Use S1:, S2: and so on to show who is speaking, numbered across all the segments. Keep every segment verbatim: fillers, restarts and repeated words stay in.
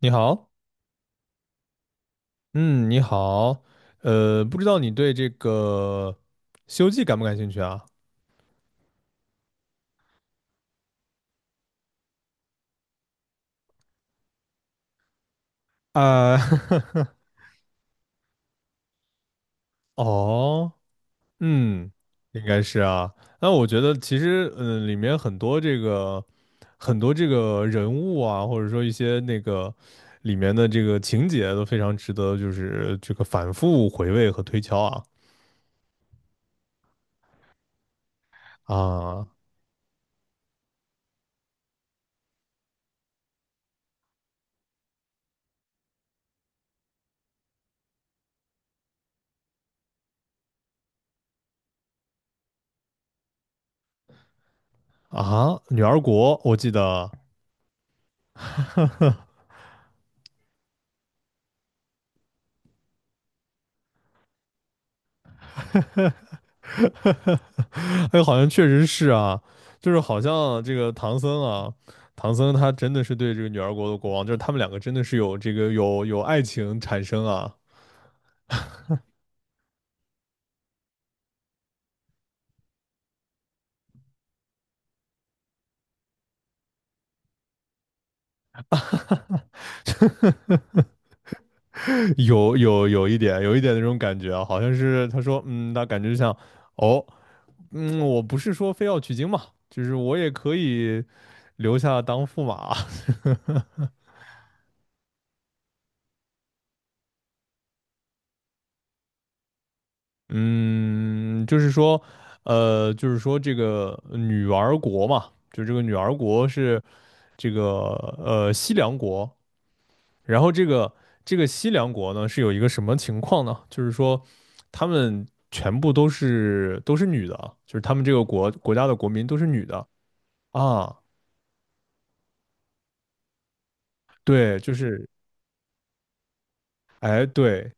S1: 你好，嗯，你好，呃，不知道你对这个《西游记》感不感兴趣啊？啊、哦，嗯，应该是啊。那我觉得其实，嗯、呃里面很多这个很多这个人物啊，或者说一些那个里面的这个情节都非常值得，就是这个反复回味和推敲啊啊啊！女儿国，我记得，哎，好像确实是啊，就是好像这个唐僧啊，唐僧他真的是对这个女儿国的国王，就是他们两个真的是有这个有有爱情产生啊，有有有一点有一点那种感觉啊，好像是他说，嗯，那感觉就像，哦，嗯，我不是说非要取经嘛，就是我也可以留下当驸马，嗯，就是说，呃，就是说这个女儿国嘛，就这个女儿国是。这个呃西凉国，然后这个这个西凉国呢是有一个什么情况呢？就是说他们全部都是都是女的啊，就是他们这个国国家的国民都是女的啊，对，就是哎对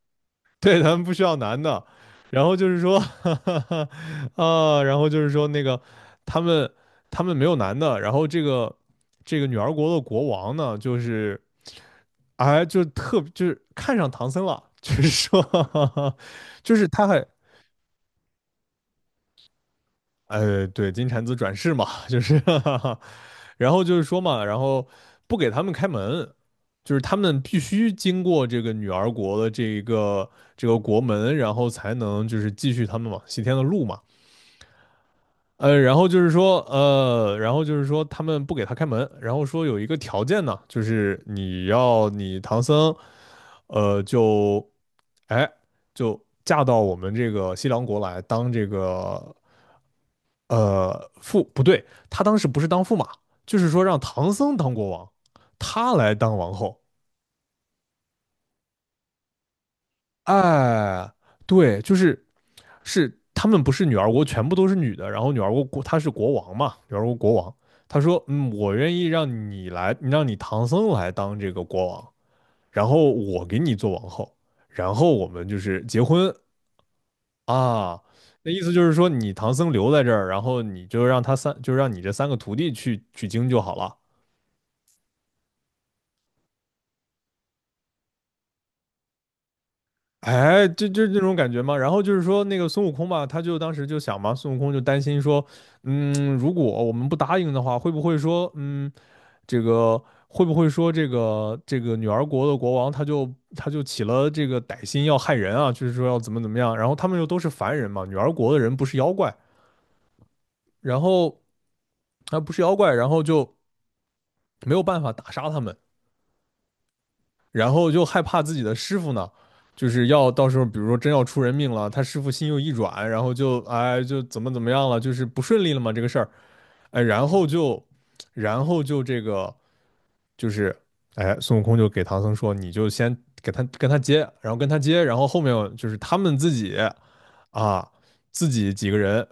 S1: 对，他们不需要男的，然后就是说 啊，然后就是说那个他们他们没有男的，然后这个这个女儿国的国王呢就是。哎，就特就是看上唐僧了，就是说，就是他还呃，对，金蝉子转世嘛，就是 然后就是说嘛，然后不给他们开门，就是他们必须经过这个女儿国的这一个这个国门，然后才能就是继续他们往西天的路嘛。呃，然后就是说，呃，然后就是说，他们不给他开门，然后说有一个条件呢，就是你要你唐僧，呃，就，哎，就嫁到我们这个西凉国来当这个，呃，驸，不对，他当时不是当驸马，就是说让唐僧当国王，他来当王后。哎，对，就是是他们不是女儿国全部都是女的，然后女儿国国他是国王嘛，女儿国国王，他说嗯，我愿意让你来，让你唐僧来当这个国王，然后我给你做王后，然后我们就是结婚啊。那意思就是说，你唐僧留在这儿，然后你就让他三，就让你这三个徒弟去取经就好了。哎，就就这种感觉嘛。然后就是说，那个孙悟空吧，他就当时就想嘛，孙悟空就担心说，嗯，如果我们不答应的话，会不会说，嗯，这个会不会说这个这个女儿国的国王他就他就起了这个歹心要害人啊，就是说要怎么怎么样，然后他们又都是凡人嘛，女儿国的人不是妖怪，然后他不是妖怪，然后就没有办法打杀他们，然后就害怕自己的师傅呢。就是要到时候，比如说真要出人命了，他师傅心又一软，然后就哎就怎么怎么样了，就是不顺利了嘛这个事儿，哎，然后就，然后就这个就是哎，孙悟空就给唐僧说，你就先给他跟他接，然后跟他接，然后后面就是他们自己啊，自己几个人，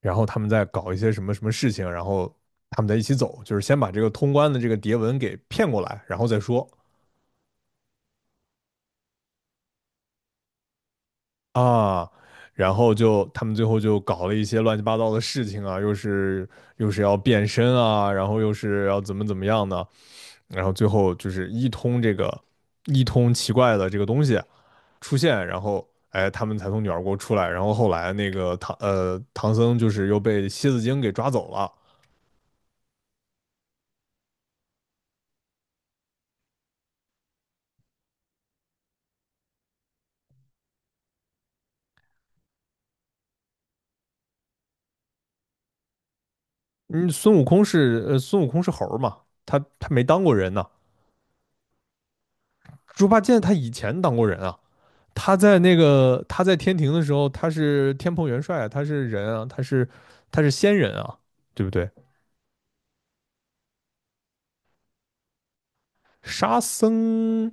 S1: 然后他们再搞一些什么什么事情，然后他们在一起走，就是先把这个通关的这个牒文给骗过来，然后再说啊。然后就他们最后就搞了一些乱七八糟的事情啊，又是又是要变身啊，然后又是要怎么怎么样呢？然后最后就是一通这个一通奇怪的这个东西，出现，然后哎，他们才从女儿国出来。然后后来那个唐呃唐僧就是又被蝎子精给抓走了。嗯，孙悟空是呃孙悟空是猴儿嘛，他他没当过人呢。猪八戒他以前当过人啊，他在那个他在天庭的时候，他是天蓬元帅啊，他是人啊，他是他是仙人啊，对不对？沙僧，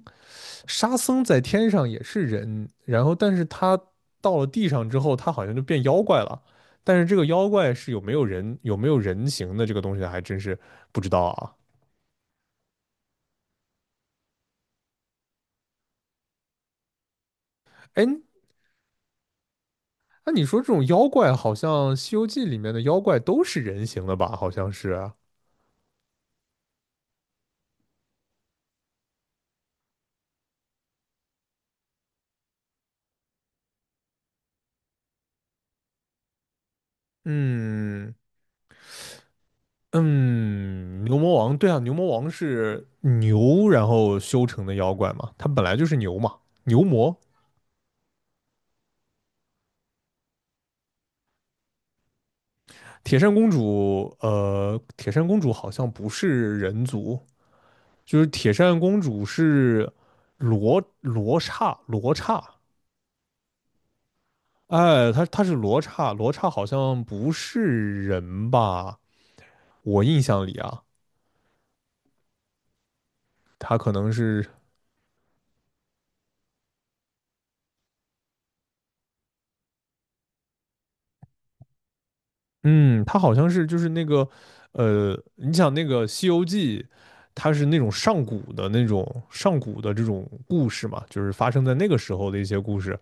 S1: 沙僧在天上也是人，然后但是他到了地上之后，他好像就变妖怪了。但是这个妖怪是有没有人有没有人形的这个东西，还真是不知道啊。哎，那你说这种妖怪，好像《西游记》里面的妖怪都是人形的吧？好像是。嗯嗯，牛魔王，对啊，牛魔王是牛然后修成的妖怪嘛，他本来就是牛嘛，牛魔铁扇公主，呃，铁扇公主好像不是人族，就是铁扇公主是罗罗刹罗刹，哎，她她是罗刹，罗刹好像不是人吧？我印象里啊，她可能是，嗯，她好像是就是那个，呃，你想那个《西游记》。它是那种上古的那种上古的这种故事嘛，就是发生在那个时候的一些故事。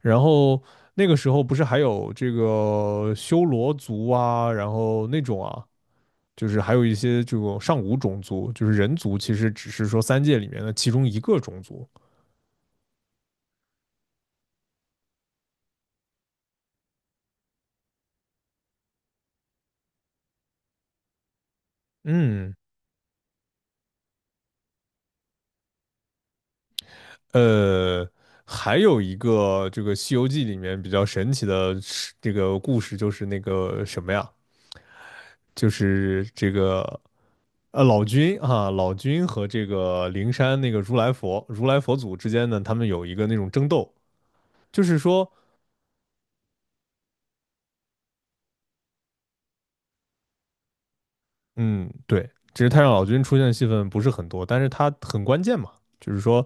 S1: 然后那个时候不是还有这个修罗族啊，然后那种啊，就是还有一些这种上古种族，就是人族，其实只是说三界里面的其中一个种族。嗯，呃，还有一个这个《西游记》里面比较神奇的是这个故事，就是那个什么呀，就是这个。呃，老君啊，老君和这个灵山那个如来佛、如来佛祖之间呢，他们有一个那种争斗，就是说，嗯，对，其实太上老君出现的戏份不是很多，但是他很关键嘛，就是说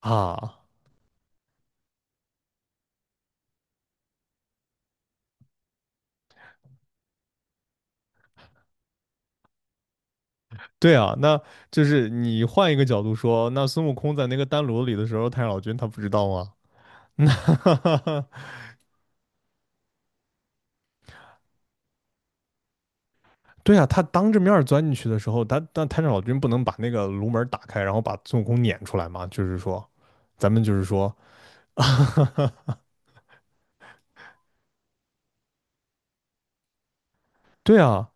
S1: 啊，对啊，那就是你换一个角度说，那孙悟空在那个丹炉里的时候，太上老君他不知道吗？那 对啊，他当着面钻进去的时候，他但太上老君不能把那个炉门打开，然后把孙悟空撵出来吗？就是说，咱们就是说，对啊，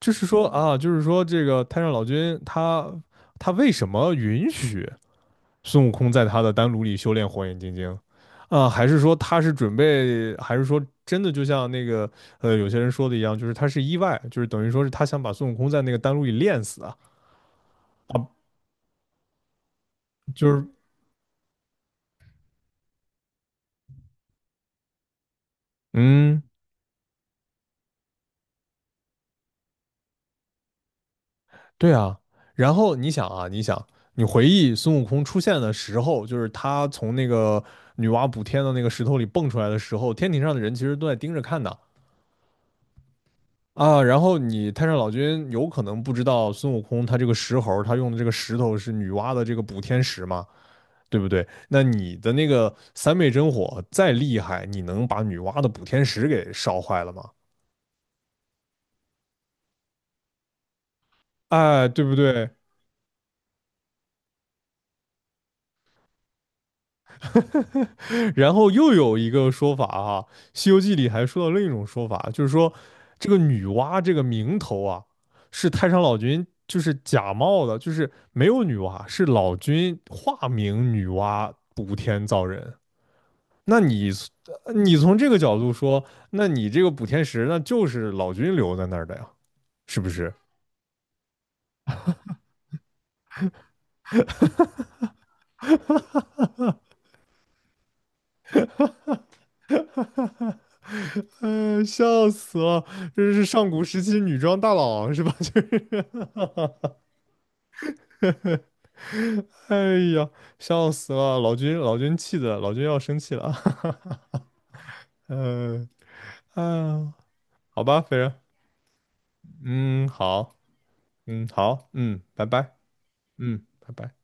S1: 就是说啊，就是说这个太上老君他他为什么允许孙悟空在他的丹炉里修炼火眼金睛，啊，还是说他是准备，还是说真的就像那个呃有些人说的一样，就是他是意外，就是等于说是他想把孙悟空在那个丹炉里炼死啊，就是嗯，对啊，然后你想啊，你想你回忆孙悟空出现的时候，就是他从那个女娲补天的那个石头里蹦出来的时候，天庭上的人其实都在盯着看的，啊，然后你太上老君有可能不知道孙悟空他这个石猴他用的这个石头是女娲的这个补天石嘛，对不对？那你的那个三昧真火再厉害，你能把女娲的补天石给烧坏了吗？哎，对不对？然后又有一个说法哈，《西游记》里还说到另一种说法，就是说这个女娲这个名头啊，是太上老君就是假冒的，就是没有女娲，是老君化名女娲补天造人。那你你从这个角度说，那你这个补天石那就是老君留在那儿的呀，是不是？哎，笑死了！这是上古时期女装大佬是吧？就是哎呀，笑死了！老君，老君气的，老君要生气了。哈哈嗯、呃，啊，好吧，飞人，嗯，好，嗯，好，嗯，拜拜，嗯，拜拜。